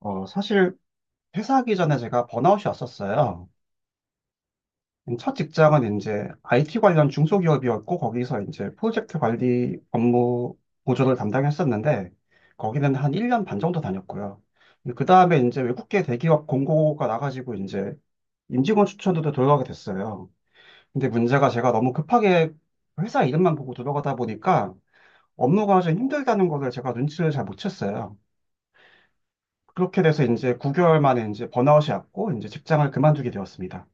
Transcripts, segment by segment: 사실 회사 하기 전에 제가 번아웃이 왔었어요. 첫 직장은 이제 IT 관련 중소기업이었고 거기서 이제 프로젝트 관리 업무 보조를 담당했었는데 거기는 한 1년 반 정도 다녔고요. 그 다음에 이제 외국계 대기업 공고가 나가지고 이제 임직원 추천으로 들어가게 됐어요. 근데 문제가 제가 너무 급하게 회사 이름만 보고 들어가다 보니까 업무가 좀 힘들다는 거를 제가 눈치를 잘 못 챘어요. 그렇게 돼서 이제 9개월 만에 이제 번아웃이 왔고 이제 직장을 그만두게 되었습니다.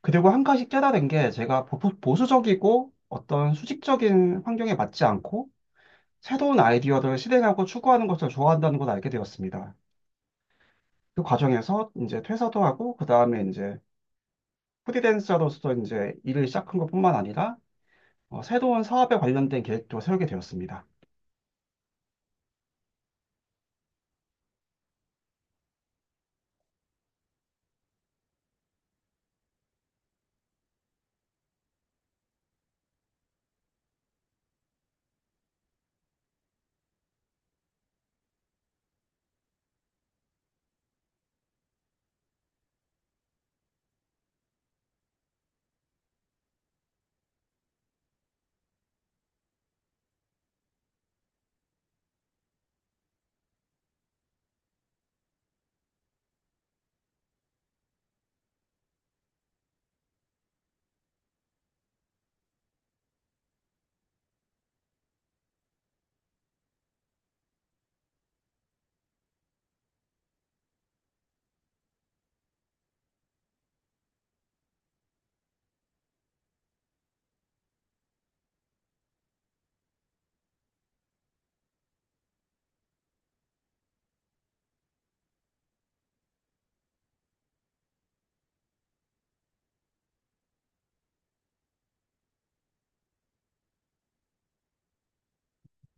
그리고 한 가지 깨달은 게 제가 보수적이고 어떤 수직적인 환경에 맞지 않고 새로운 아이디어를 실행하고 추구하는 것을 좋아한다는 걸 알게 되었습니다. 그 과정에서 이제 퇴사도 하고 그 다음에 이제 프리랜서로서 이제 일을 시작한 것뿐만 아니라 새로운 사업에 관련된 계획도 세우게 되었습니다.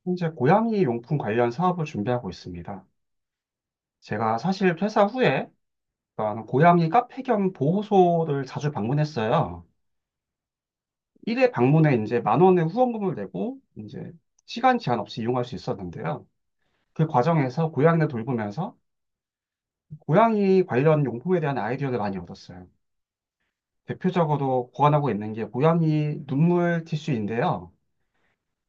현재 고양이 용품 관련 사업을 준비하고 있습니다. 제가 사실 퇴사 후에 어떤 고양이 카페 겸 보호소를 자주 방문했어요. 1회 방문에 이제 만 원의 후원금을 내고 이제 시간 제한 없이 이용할 수 있었는데요. 그 과정에서 고양이를 돌보면서 고양이 관련 용품에 대한 아이디어를 많이 얻었어요. 대표적으로 고안하고 있는 게 고양이 눈물 티슈인데요.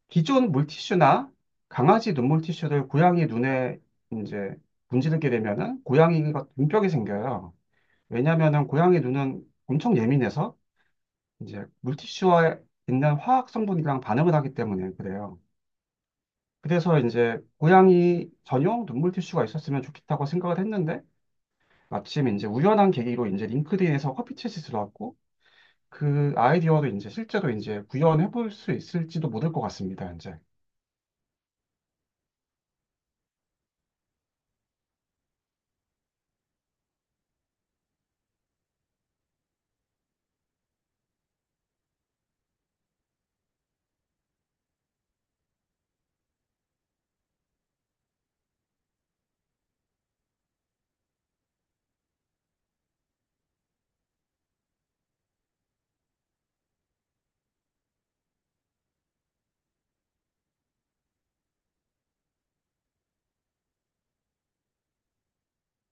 기존 물티슈나 강아지 눈물 티슈를 고양이 눈에 이제 문지르게 되면은 고양이가 눈병이 생겨요. 왜냐면은 고양이 눈은 엄청 예민해서 이제 물티슈와 있는 화학 성분이랑 반응을 하기 때문에 그래요. 그래서 이제 고양이 전용 눈물 티슈가 있었으면 좋겠다고 생각을 했는데 마침 이제 우연한 계기로 이제 링크드인에서 커피 챗이 들어왔고 그 아이디어를 이제 실제로 이제 구현해 볼 수 있을지도 모를 것 같습니다, 이제.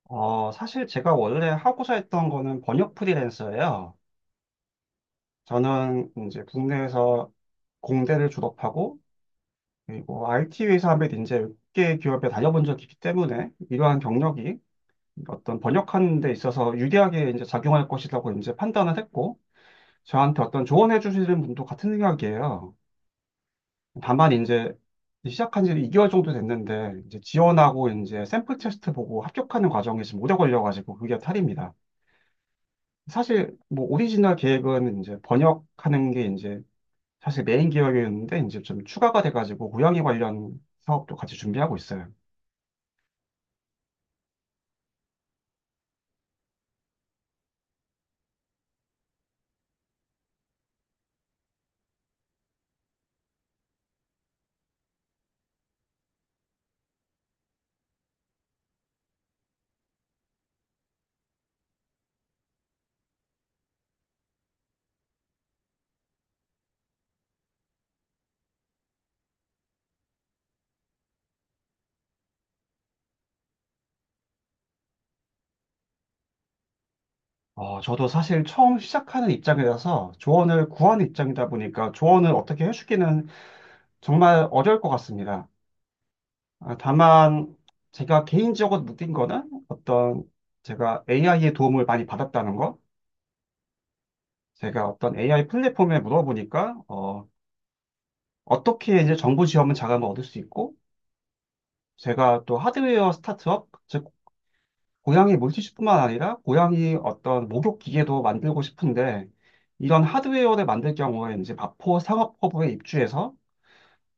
사실 제가 원래 하고자 했던 거는 번역 프리랜서예요. 저는 이제 국내에서 공대를 졸업하고 그리고 IT 회사에 이제 6개 기업에 다녀본 적이 있기 때문에 이러한 경력이 어떤 번역하는 데 있어서 유리하게 이제 작용할 것이라고 이제 판단을 했고 저한테 어떤 조언해 주시는 분도 같은 생각이에요. 다만 이제 시작한 지 2개월 정도 됐는데 이제 지원하고 이제 샘플 테스트 보고 합격하는 과정이 지금 오래 걸려가지고 그게 탈입니다. 사실 뭐 오리지널 계획은 이제 번역하는 게 이제 사실 메인 계획이었는데 이제 좀 추가가 돼가지고 고양이 관련 사업도 같이 준비하고 있어요. 저도 사실 처음 시작하는 입장이라서 조언을 구하는 입장이다 보니까 조언을 어떻게 해주기는 정말 어려울 것 같습니다. 아, 다만 제가 개인적으로 느낀 거는 어떤 제가 AI의 도움을 많이 받았다는 거. 제가 어떤 AI 플랫폼에 물어보니까 어떻게 이제 정보 지원은 자금을 얻을 수 있고 제가 또 하드웨어 스타트업, 즉 고양이 물티슈뿐만 아니라 고양이 어떤 목욕 기계도 만들고 싶은데 이런 하드웨어를 만들 경우에 이제 마포 상업허브에 입주해서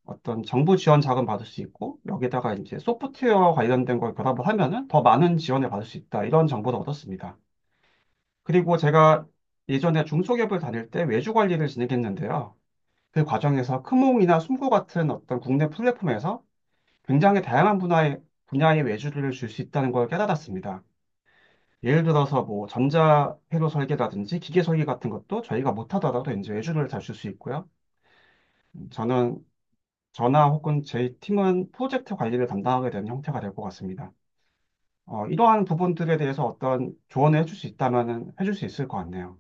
어떤 정부 지원 자금 받을 수 있고 여기다가 이제 소프트웨어와 관련된 걸 결합을 하면은 더 많은 지원을 받을 수 있다. 이런 정보를 얻었습니다. 그리고 제가 예전에 중소기업을 다닐 때 외주 관리를 진행했는데요. 그 과정에서 크몽이나 숨고 같은 어떤 국내 플랫폼에서 굉장히 다양한 분야의 외주를 줄 수 있다는 걸 깨달았습니다. 예를 들어서 뭐 전자 회로 설계라든지 기계 설계 같은 것도 저희가 못하더라도 이제 외주를 잘 줄 수 있고요. 저는 저나 혹은 제 팀은 프로젝트 관리를 담당하게 되는 형태가 될 것 같습니다. 이러한 부분들에 대해서 어떤 조언을 해줄 수 있다면은 해줄 수 있을 것 같네요.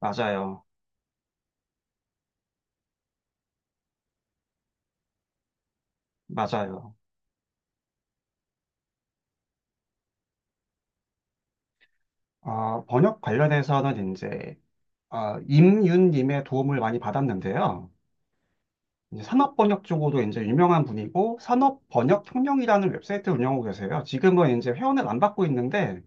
맞아요. 맞아요. 번역 관련해서는 이제 임윤님의 도움을 많이 받았는데요. 이제 산업 번역 쪽으로 이제 유명한 분이고 산업 번역 혁명이라는 웹사이트를 운영하고 계세요. 지금은 이제 회원을 안 받고 있는데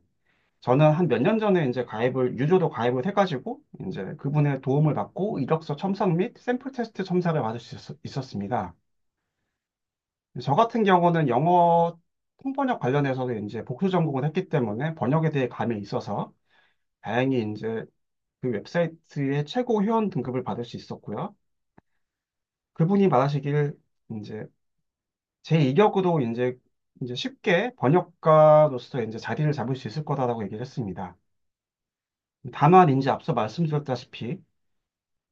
저는 한 몇 년 전에 이제 가입을, 유저도 가입을 해가지고, 이제 그분의 도움을 받고 이력서 첨삭 및 샘플 테스트 첨삭을 받을 수 있었습니다. 저 같은 경우는 영어 통번역 관련해서는 이제 복수 전공을 했기 때문에 번역에 대해 감이 있어서 다행히 이제 그 웹사이트의 최고 회원 등급을 받을 수 있었고요. 그분이 말하시길 이제 제 이력으로 이제 쉽게 번역가로서 이제 자리를 잡을 수 있을 거다라고 얘기를 했습니다. 다만 이제 앞서 말씀드렸다시피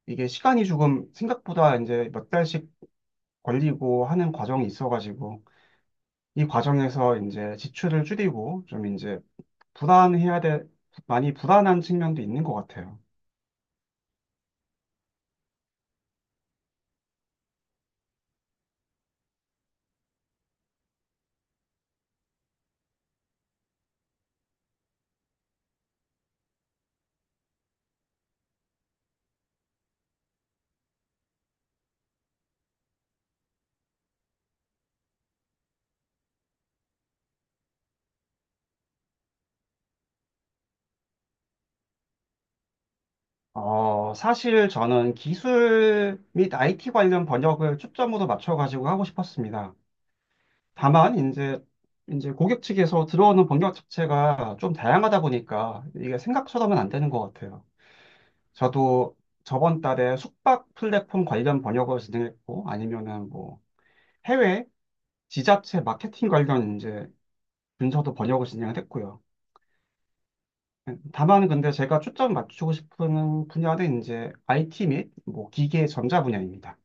이게 시간이 조금 생각보다 이제 몇 달씩 걸리고 하는 과정이 있어가지고 이 과정에서 이제 지출을 줄이고 좀 이제 불안해야 돼, 많이 불안한 측면도 있는 것 같아요. 사실 저는 기술 및 IT 관련 번역을 초점으로 맞춰가지고 하고 싶었습니다. 다만 이제 고객 측에서 들어오는 번역 자체가 좀 다양하다 보니까 이게 생각처럼은 안 되는 것 같아요. 저도 저번 달에 숙박 플랫폼 관련 번역을 진행했고, 아니면은 뭐 해외 지자체 마케팅 관련 이제 문서도 번역을 진행을 했고요. 다만 근데 제가 초점 맞추고 싶은 분야는 이제 IT 및 뭐 기계 전자 분야입니다.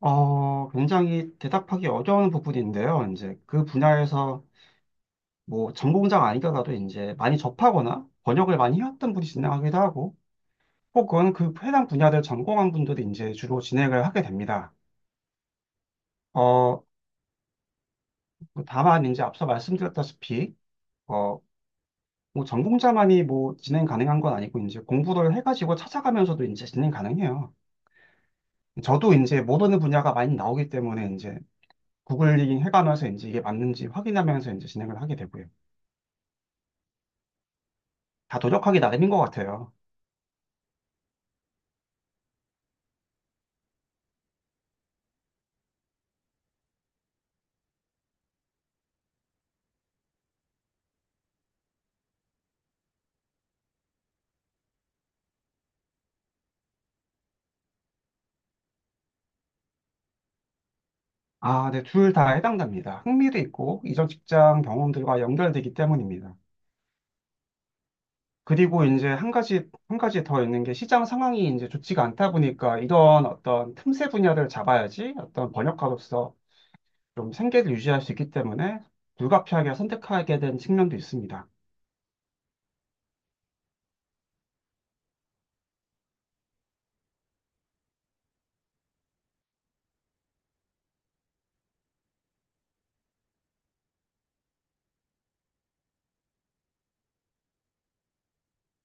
굉장히 대답하기 어려운 부분인데요. 이제 그 분야에서 뭐 전공자가 아니더라도 이제 많이 접하거나 번역을 많이 해왔던 분이 진행하기도 하고, 혹은 그 해당 분야를 전공한 분들이 이제 주로 진행을 하게 됩니다. 어, 그 다만 이제 앞서 말씀드렸다시피 어, 뭐 전공자만이 뭐 진행 가능한 건 아니고 이제 공부를 해가지고 찾아가면서도 이제 진행 가능해요. 저도 이제 모르는 분야가 많이 나오기 때문에 이제 구글링 해가면서 이제 이게 맞는지 확인하면서 이제 진행을 하게 되고요. 다 노력하기 나름인 것 같아요. 아, 네, 둘 다 해당됩니다. 흥미도 있고 이전 직장 경험들과 연결되기 때문입니다. 그리고 이제 한 가지 더 있는 게 시장 상황이 이제 좋지가 않다 보니까 이런 어떤 틈새 분야를 잡아야지 어떤 번역가로서 좀 생계를 유지할 수 있기 때문에 불가피하게 선택하게 된 측면도 있습니다.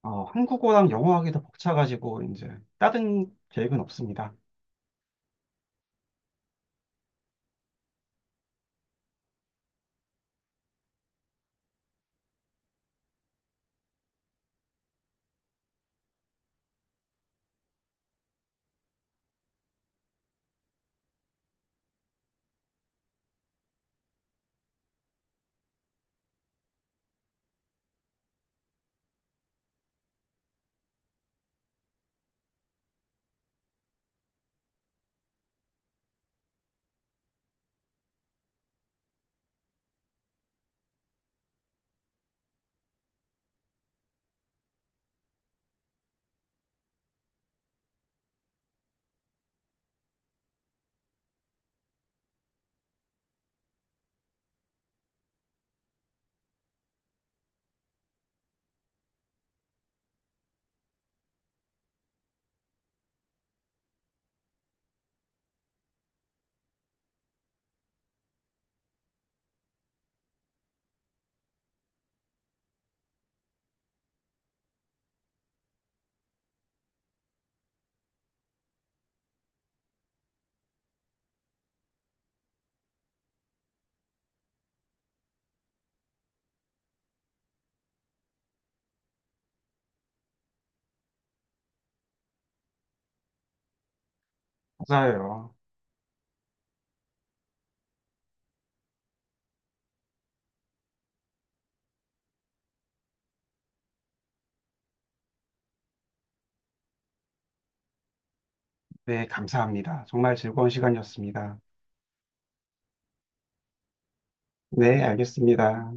한국어랑 영어하기 더 벅차가지고 이제 다른 계획은 없습니다. 맞아요. 네, 감사합니다. 정말 즐거운 시간이었습니다. 네, 알겠습니다.